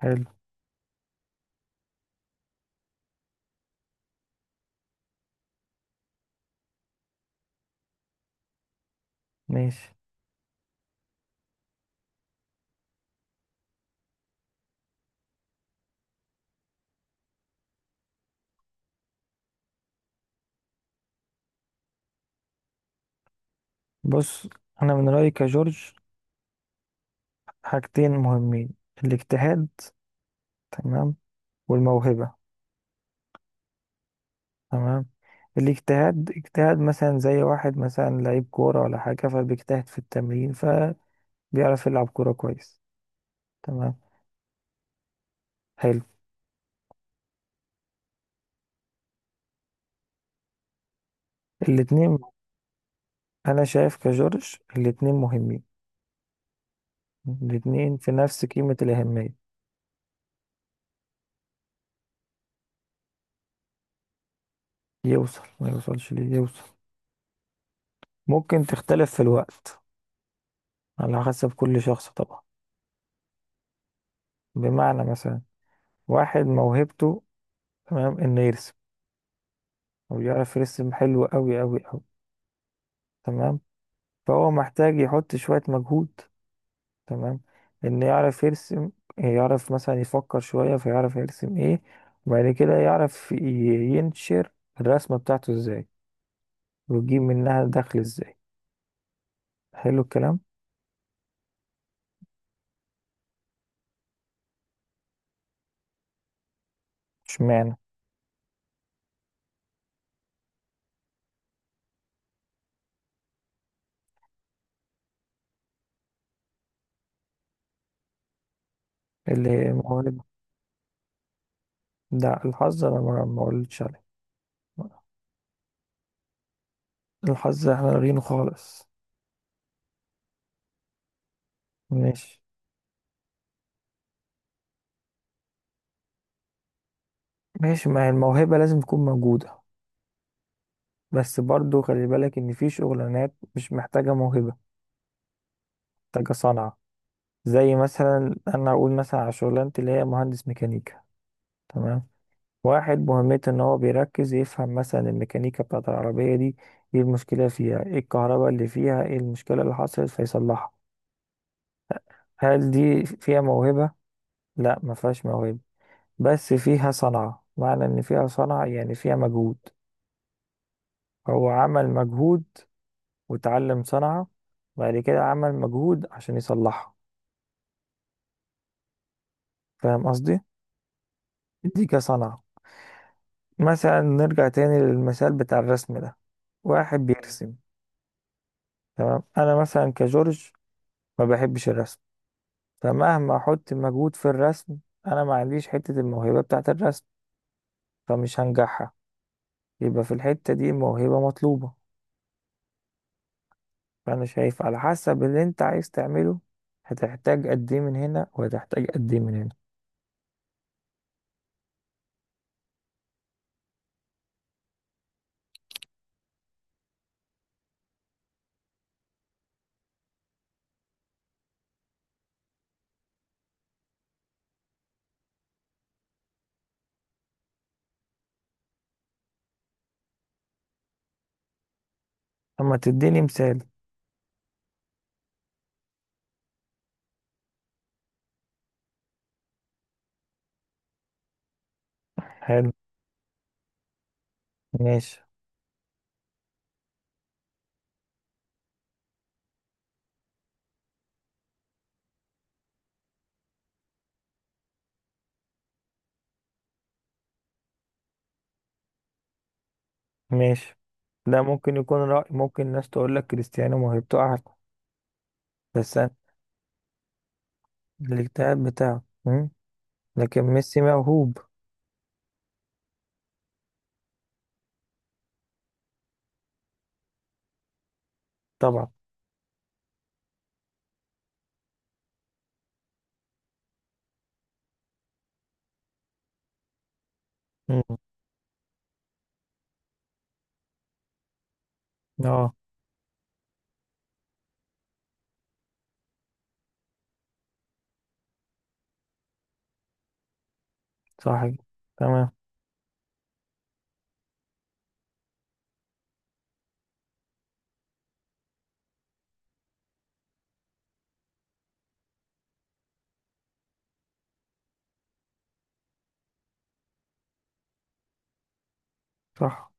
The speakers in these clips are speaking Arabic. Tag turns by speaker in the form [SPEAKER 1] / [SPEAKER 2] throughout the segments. [SPEAKER 1] حلو. ماشي. بص، انا من رأيي كجورج حاجتين مهمين: الاجتهاد، تمام، والموهبة. تمام. الاجتهاد اجتهاد مثلا زي واحد مثلا لعيب كورة ولا حاجة فبيجتهد في التمرين فبيعرف يلعب كورة كويس. تمام. حلو. الاتنين. انا شايف كجورج الاتنين مهمين، الاتنين في نفس قيمة الأهمية. يوصل، ما يوصلش ليه يوصل، ممكن تختلف في الوقت على حسب كل شخص طبعا. بمعنى مثلا، واحد موهبته تمام انه يرسم، هو يعرف يرسم حلو قوي قوي قوي. تمام. فهو محتاج يحط شوية مجهود، تمام، انه يعرف يرسم، يعرف مثلا يفكر شوية فيعرف يرسم ايه، وبعد كده يعرف ينشر الرسمة بتاعته ازاي، ويجيب منها دخل ازاي. حلو الكلام. اشمعنى؟ اللي موهبة؟ ده الحظ انا ما قلتش عليه. الحظ احنا لارينه خالص. ماشي. ماشي، ما هي الموهبة لازم تكون موجودة، بس برضو خلي بالك ان في شغلانات مش محتاجة موهبة، محتاجة صنعة. زي مثلا انا اقول مثلا على شغلانتي اللي هي مهندس ميكانيكا. تمام. واحد مهمته ان هو بيركز يفهم مثلا الميكانيكا بتاعت العربية دي، ايه المشكلة فيها، ايه الكهرباء اللي فيها، ايه المشكلة اللي حصلت فيصلحها. هل دي فيها موهبة؟ لا، ما فيهاش موهبة، بس فيها صنعة. معنى ان فيها صنعة يعني فيها مجهود، هو عمل مجهود وتعلم صنعة، بعد كده عمل مجهود عشان يصلحها. فاهم قصدي؟ دي كصنعة. مثلا نرجع تاني للمثال بتاع الرسم ده، واحد بيرسم، تمام، انا مثلا كجورج ما بحبش الرسم، فمهما احط مجهود في الرسم، انا ما عنديش حتة الموهبة بتاعة الرسم، فمش هنجحها. يبقى في الحتة دي موهبة مطلوبة. فانا شايف على حسب اللي انت عايز تعمله، هتحتاج قد ايه من هنا وهتحتاج قد ايه من هنا. اما تديني مثال. حلو. ماشي. ماشي. ده ممكن يكون رأي، ممكن الناس تقول لك كريستيانو موهبته أعلى. بس أنا- الاجتهاد بتاعه لكن ميسي موهوب. طبعا. مم. اه، صح كده. تمام. صح.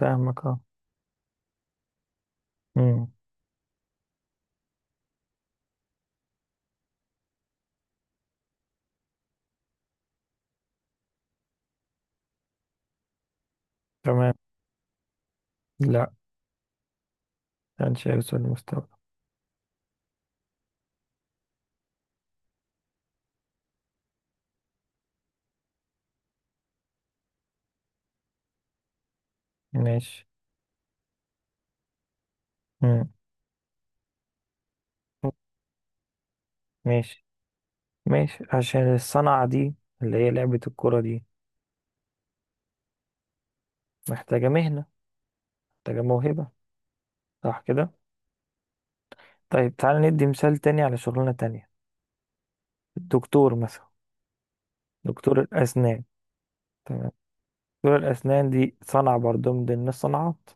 [SPEAKER 1] فاهمك، اه. مم. تمام. لا، انشيلوتي المستوى. ماشي. مم. ماشي. ماشي، عشان الصنعة دي اللي هي لعبة الكرة دي محتاجة مهنة، محتاجة موهبة. صح كده. طيب تعال ندي مثال تاني على شغلانة تانية، الدكتور مثلا، دكتور الأسنان. تمام. دكتور الأسنان دي صنعة برضو من ضمن الصناعات.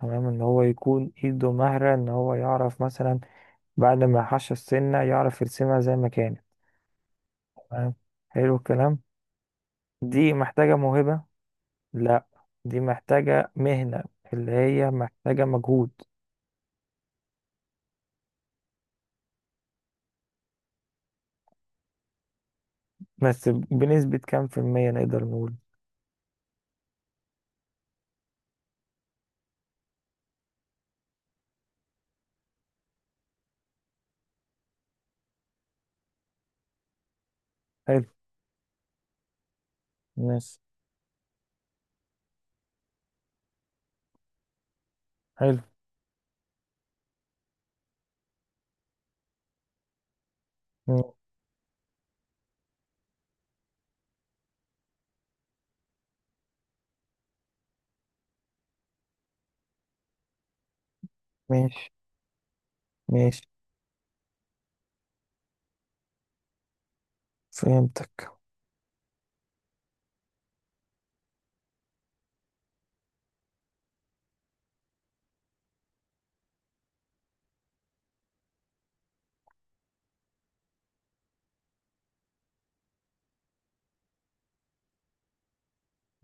[SPEAKER 1] تمام، ان هو يكون ايده مهرة، ان هو يعرف مثلا بعد ما يحش السنة يعرف يرسمها زي ما كانت. تمام. حلو الكلام. دي محتاجة موهبة؟ لا، دي محتاجة مهنة اللي هي محتاجة مجهود. بس بنسبة كام في المية نقدر نقول؟ حلو. ماشي. حلو. مم. ماشي. ماشي. فهمتك.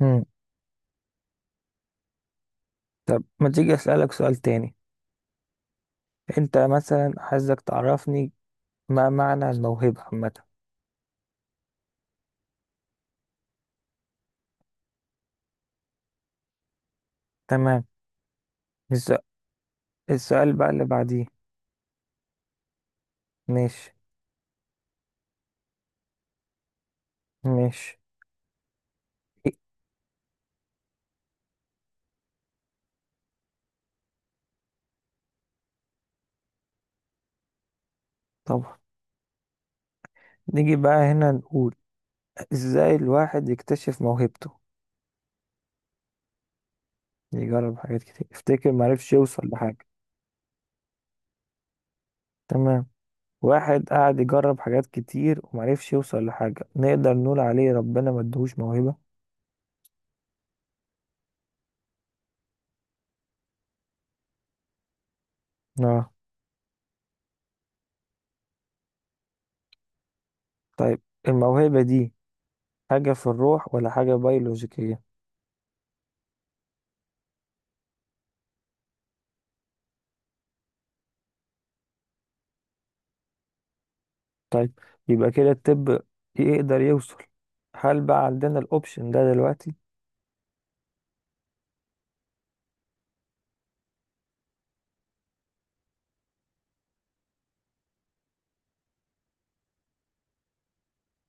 [SPEAKER 1] مم. طب ما تيجي أسألك سؤال تاني، انت مثلا، عايزك تعرفني ما معنى الموهبة عامة. تمام. الس- السؤال بقى اللي بعديه. ماشي. ماشي. إيه، طبعا. نيجي بقى هنا نقول ازاي الواحد يكتشف موهبته؟ يجرب حاجات كتير، افتكر معرفش يوصل لحاجة. تمام. واحد قاعد يجرب حاجات كتير ومعرفش يوصل لحاجة، نقدر نقول عليه ربنا ما ادهوش موهبة؟ اه. طيب، الموهبة دي حاجة في الروح ولا حاجة بيولوجيكية؟ طيب، يبقى كده الطب يقدر يوصل. هل بقى عندنا الاوبشن ده دلوقتي؟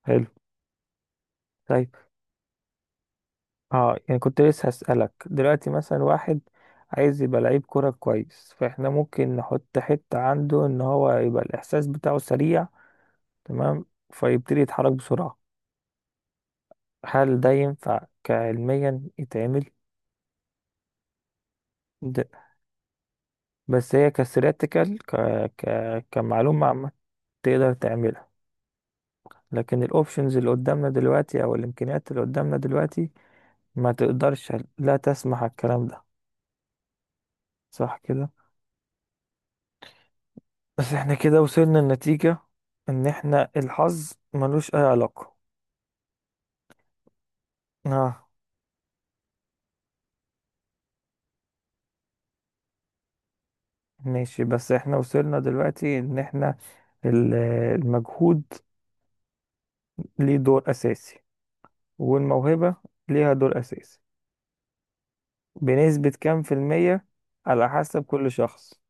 [SPEAKER 1] حلو. طيب. اه، يعني كنت لسه هسألك دلوقتي، مثلا واحد عايز يبقى لعيب كرة كويس، فاحنا ممكن نحط حتة عنده ان هو يبقى الاحساس بتاعه سريع، تمام، فيبتدي يتحرك بسرعة. هل ده ينفع كعلميا يتعمل؟ ده، بس هي كستاتيكال، كمعلومة عامة، تقدر تعملها. لكن الاوبشنز اللي قدامنا دلوقتي او الامكانيات اللي قدامنا دلوقتي ما تقدرش. لا تسمح الكلام ده. صح كده. بس احنا كده وصلنا لنتيجة ان احنا الحظ ملوش اي علاقة. اه. ماشي. بس احنا وصلنا دلوقتي ان احنا ال- المجهود ليه دور اساسي، والموهبة ليها دور اساسي. بنسبة كام في المية؟ على حسب كل شخص.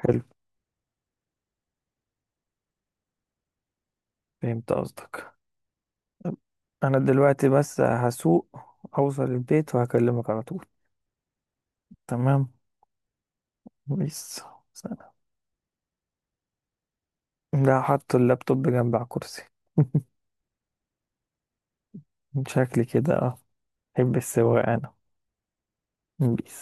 [SPEAKER 1] حلو. فهمت قصدك. انا دلوقتي بس هسوق، اوصل البيت وهكلمك على طول. تمام. بيس. سلام. لا، حط اللابتوب جنب على الكرسي. شكلي كده، اه، بحب السواقة أنا. بيس.